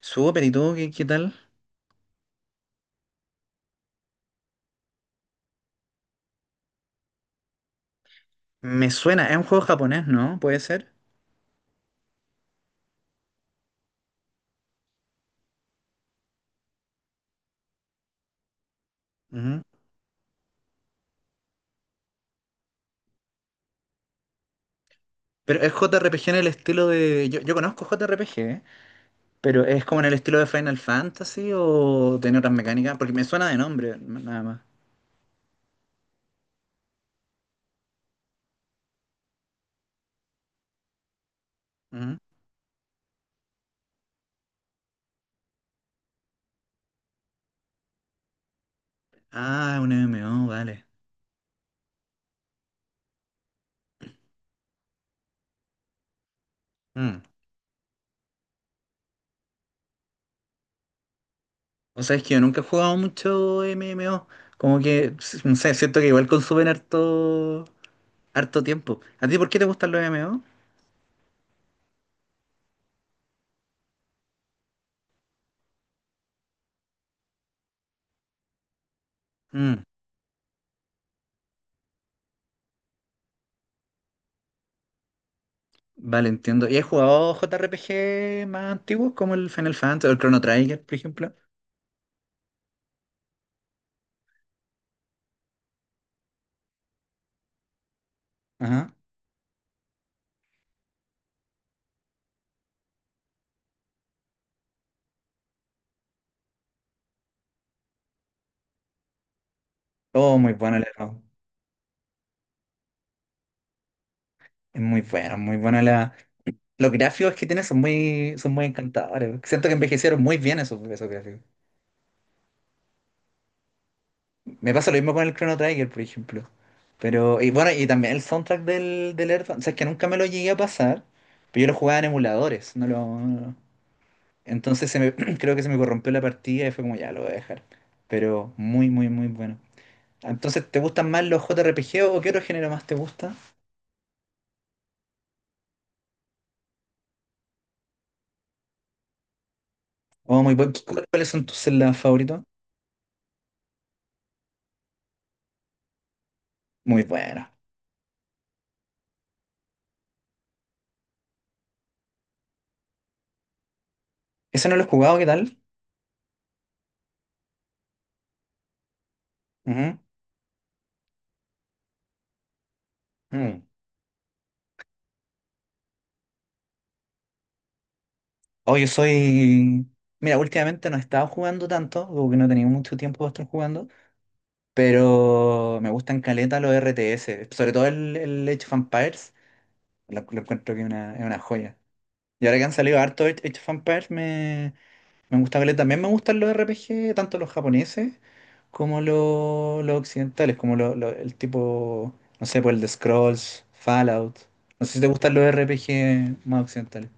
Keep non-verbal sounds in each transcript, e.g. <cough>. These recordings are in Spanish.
Súper, ¿y tú qué tal? Me suena, es un juego japonés, ¿no? Puede ser. Ujú. Pero es JRPG en el estilo de. Yo conozco JRPG, ¿eh? Pero es como en el estilo de Final Fantasy o tiene otras mecánicas, porque me suena de nombre, nada más. Ujú. Ah, un MMO, vale. Mm. O sea, es que yo nunca he jugado mucho MMO. Como que, no sé, siento que igual consumen harto tiempo. ¿A ti por qué te gustan los MMO? Vale, entiendo. ¿Y has jugado JRPG más antiguos como el Final Fantasy o el Chrono Trigger, por ejemplo? Ajá. Oh, muy bueno el error. Es muy bueno. Los gráficos que tiene son muy encantadores. Siento que envejecieron muy bien esos gráficos. Me pasa lo mismo con el Chrono Trigger, por ejemplo. Pero, y bueno, y también el soundtrack del Earthbound. O sea, es que nunca me lo llegué a pasar, pero yo lo jugaba en emuladores, no lo. Entonces <clears throat> creo que se me corrompió la partida y fue como, ya, lo voy a dejar. Pero muy, muy, muy bueno. Entonces, ¿te gustan más los JRPG o qué otro género más te gusta? Oh, muy bueno. ¿Cuáles son tus celdas favoritos? Muy bueno. Ese no lo he jugado, ¿qué tal? Ujú. Mm. Oh, yo soy. Mira, últimamente no he estado jugando tanto, porque no he tenido mucho tiempo para estar jugando, pero me gustan caleta los RTS, sobre todo el Age of Empires, lo encuentro que es una joya. Y ahora que han salido harto Age of Empires, Me gusta caleta. También me gustan los RPG, tanto los japoneses como los occidentales, como el tipo, no sé, por el de Scrolls, Fallout. No sé si te gustan los RPG más occidentales.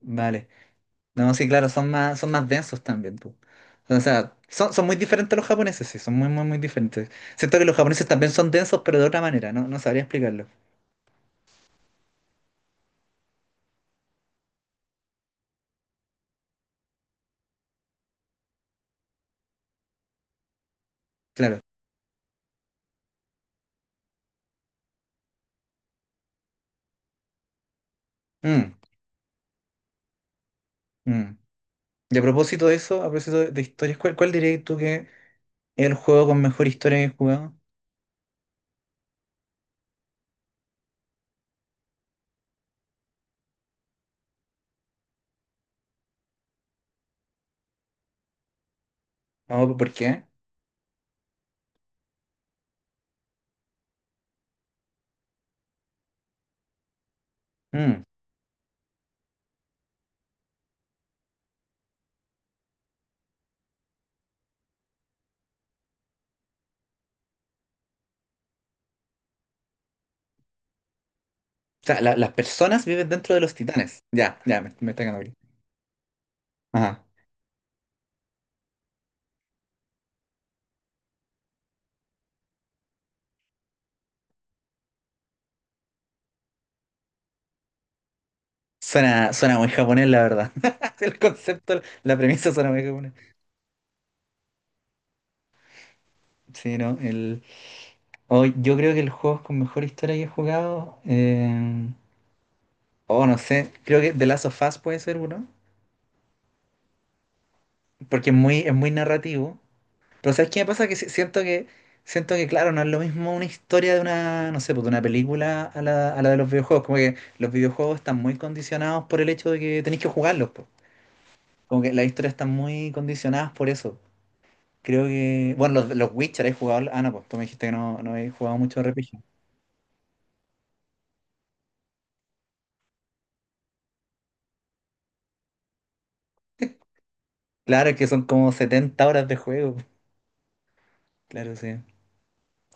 Vale. No, sí, claro, son más, densos también, po. O sea, son muy diferentes los japoneses, sí, son muy, muy, muy diferentes. Siento que los japoneses también son densos, pero de otra manera, no, no sabría explicarlo. Claro. Mm, mm. Y a propósito de eso, a propósito de historias, ¿cuál dirías tú que es el juego con mejor historia que he jugado? No, ¿por qué? Mm. O sea, las personas viven dentro de los titanes. Ya, ya, me está ganando aquí. Ajá. Suena muy japonés, la verdad. <laughs> El concepto, la premisa suena muy japonés. Sí, no, oh, yo creo que el juego con mejor historia que he jugado. Oh, no sé. Creo que The Last of Us puede ser uno. Porque es muy narrativo. Pero ¿sabes qué me pasa? Que siento que, siento que, claro, no es lo mismo una historia de una, no sé, pues, de una película a la de los videojuegos. Como que los videojuegos están muy condicionados por el hecho de que tenéis que jugarlos, pues. Como que las historias están muy condicionadas por eso. Creo que, bueno, los Witcher he jugado, ah, no, pues tú me dijiste que no, no he jugado mucho RPG. Claro, es que son como 70 horas de juego. Claro, sí.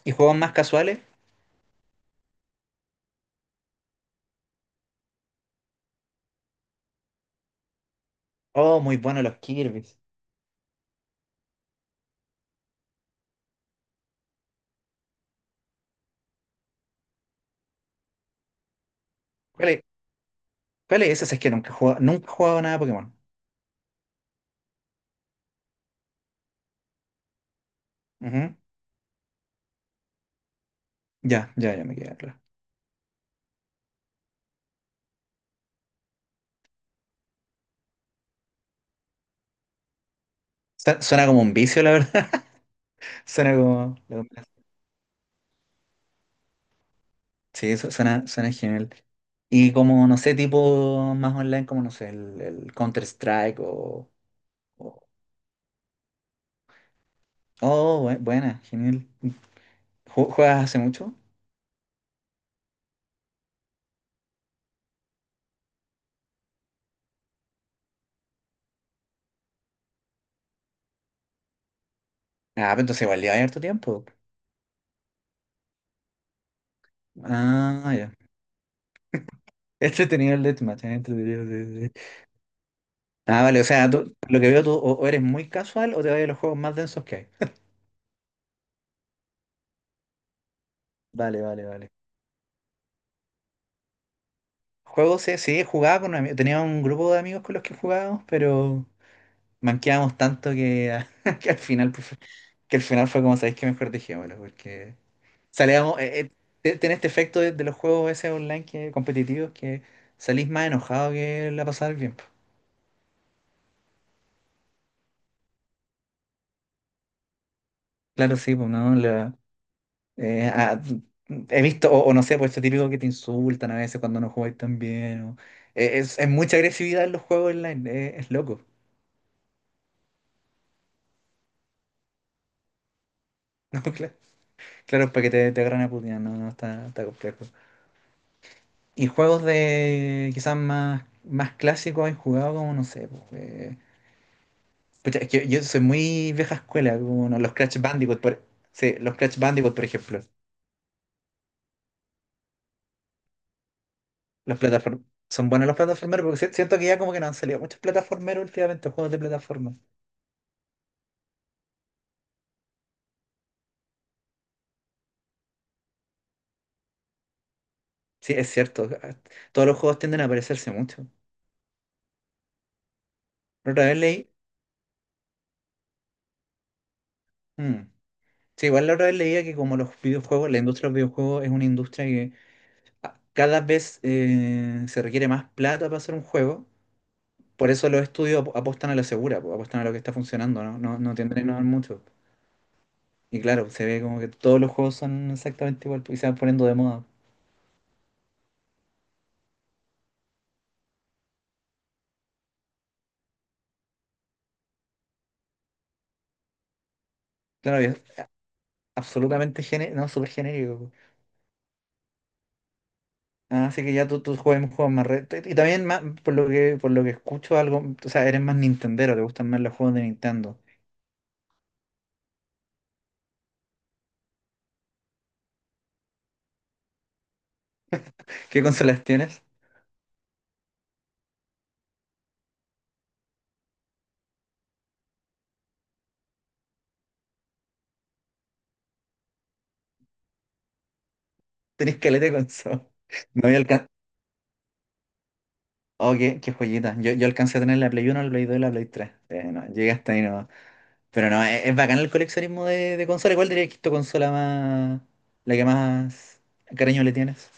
¿Y juegos más casuales? Oh, muy buenos los Kirby. ¿Cuál es, cuál es ese? Si es que nunca he jugado nada de Pokémon. Ujú. Ya, ya, ya me queda claro. Suena como un vicio, la verdad. <laughs> Suena como. Sí, suena genial. Y como, no sé, tipo más online, como, no sé, el Counter-Strike o, o- oh, buena, genial. ¿Juegas hace mucho? Ah, pero entonces igual lleva harto tiempo. Ah, ya. <laughs> Entretenido el deathmatch, entretenido, sí, sí, sí. Ah, vale, o sea, lo que veo tú o eres muy casual o te vas a los juegos más densos que hay. Vale, vale, vale. Juegos, sí, sí, jugaba con amigos, tenía un grupo de amigos con los que jugábamos, pero manqueábamos tanto que, <laughs> que al final pues, que al final fue como, ¿sabéis que Mejor dejémoslo, porque salíamos, tenés este efecto de los juegos ese online que, competitivos que salís más enojado que la pasar bien, po. Claro, sí, pues no, eh, ah, he visto, o no sé, pues esto típico que te insultan a veces cuando no jugáis tan bien, es mucha agresividad en los juegos online, es loco. <laughs> No, claro, es para que te agarren a putear, no, no, está complejo. Y juegos de quizás más clásicos he jugado como, no sé, pues, pucha, es que yo soy muy vieja escuela, como no, los Crash Bandicoot, por, sí, los Crash Bandicoot, por ejemplo. Los plataform- Son buenos los plataformeros porque siento que ya como que no han salido muchos plataformeros últimamente, juegos de plataforma. Sí, es cierto, todos los juegos tienden a parecerse mucho. La otra vez leí, mm, sí, igual la otra vez leía que como los videojuegos, la industria de los videojuegos es una industria que cada vez se requiere más plata para hacer un juego. Por eso los estudios apuestan a lo segura, po, apuestan a lo que está funcionando, ¿no? No, no tienden a innovar mucho. Y claro, se ve como que todos los juegos son exactamente igual po, y se van poniendo de moda. Claro, y es absolutamente genérico, no, súper genérico, po. Ah, así que ya tú juegas un juego más y también más, por lo que escucho algo, o sea, eres más nintendero, te gustan más los juegos de Nintendo. ¿Qué consolas tienes? ¿Tenés caleta de consola? <laughs> No había alcanzado. Oh, qué joyita. Yo alcancé a tener la Play uno, la Play dos y la Play tres. No, llegué hasta ahí. Pero no, es bacán el coleccionismo de consolas. ¿Cuál dirías que es tu consola más, la que más cariño le tienes?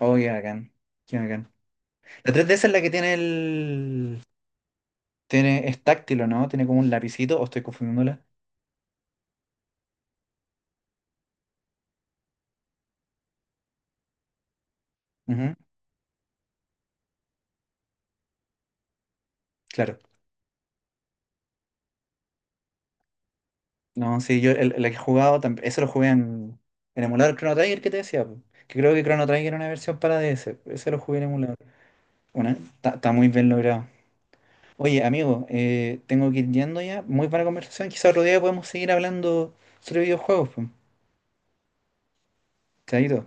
Oh, qué bacán, qué bacán. La 3DS es la que tiene, es táctil, ¿o ¿no? Tiene como un lapicito, o estoy confundiéndola. Ujú, claro. No, sí, yo la que he jugado, eso lo jugué en emulador Chrono Trigger que te decía, po. Que creo que Chrono Trigger era una versión para DS, ese lo jugué en emulador. Está muy bien logrado. Oye, amigo, tengo que ir yendo ya. Muy buena conversación. Quizá otro día podemos seguir hablando sobre videojuegos, pues. Chaito.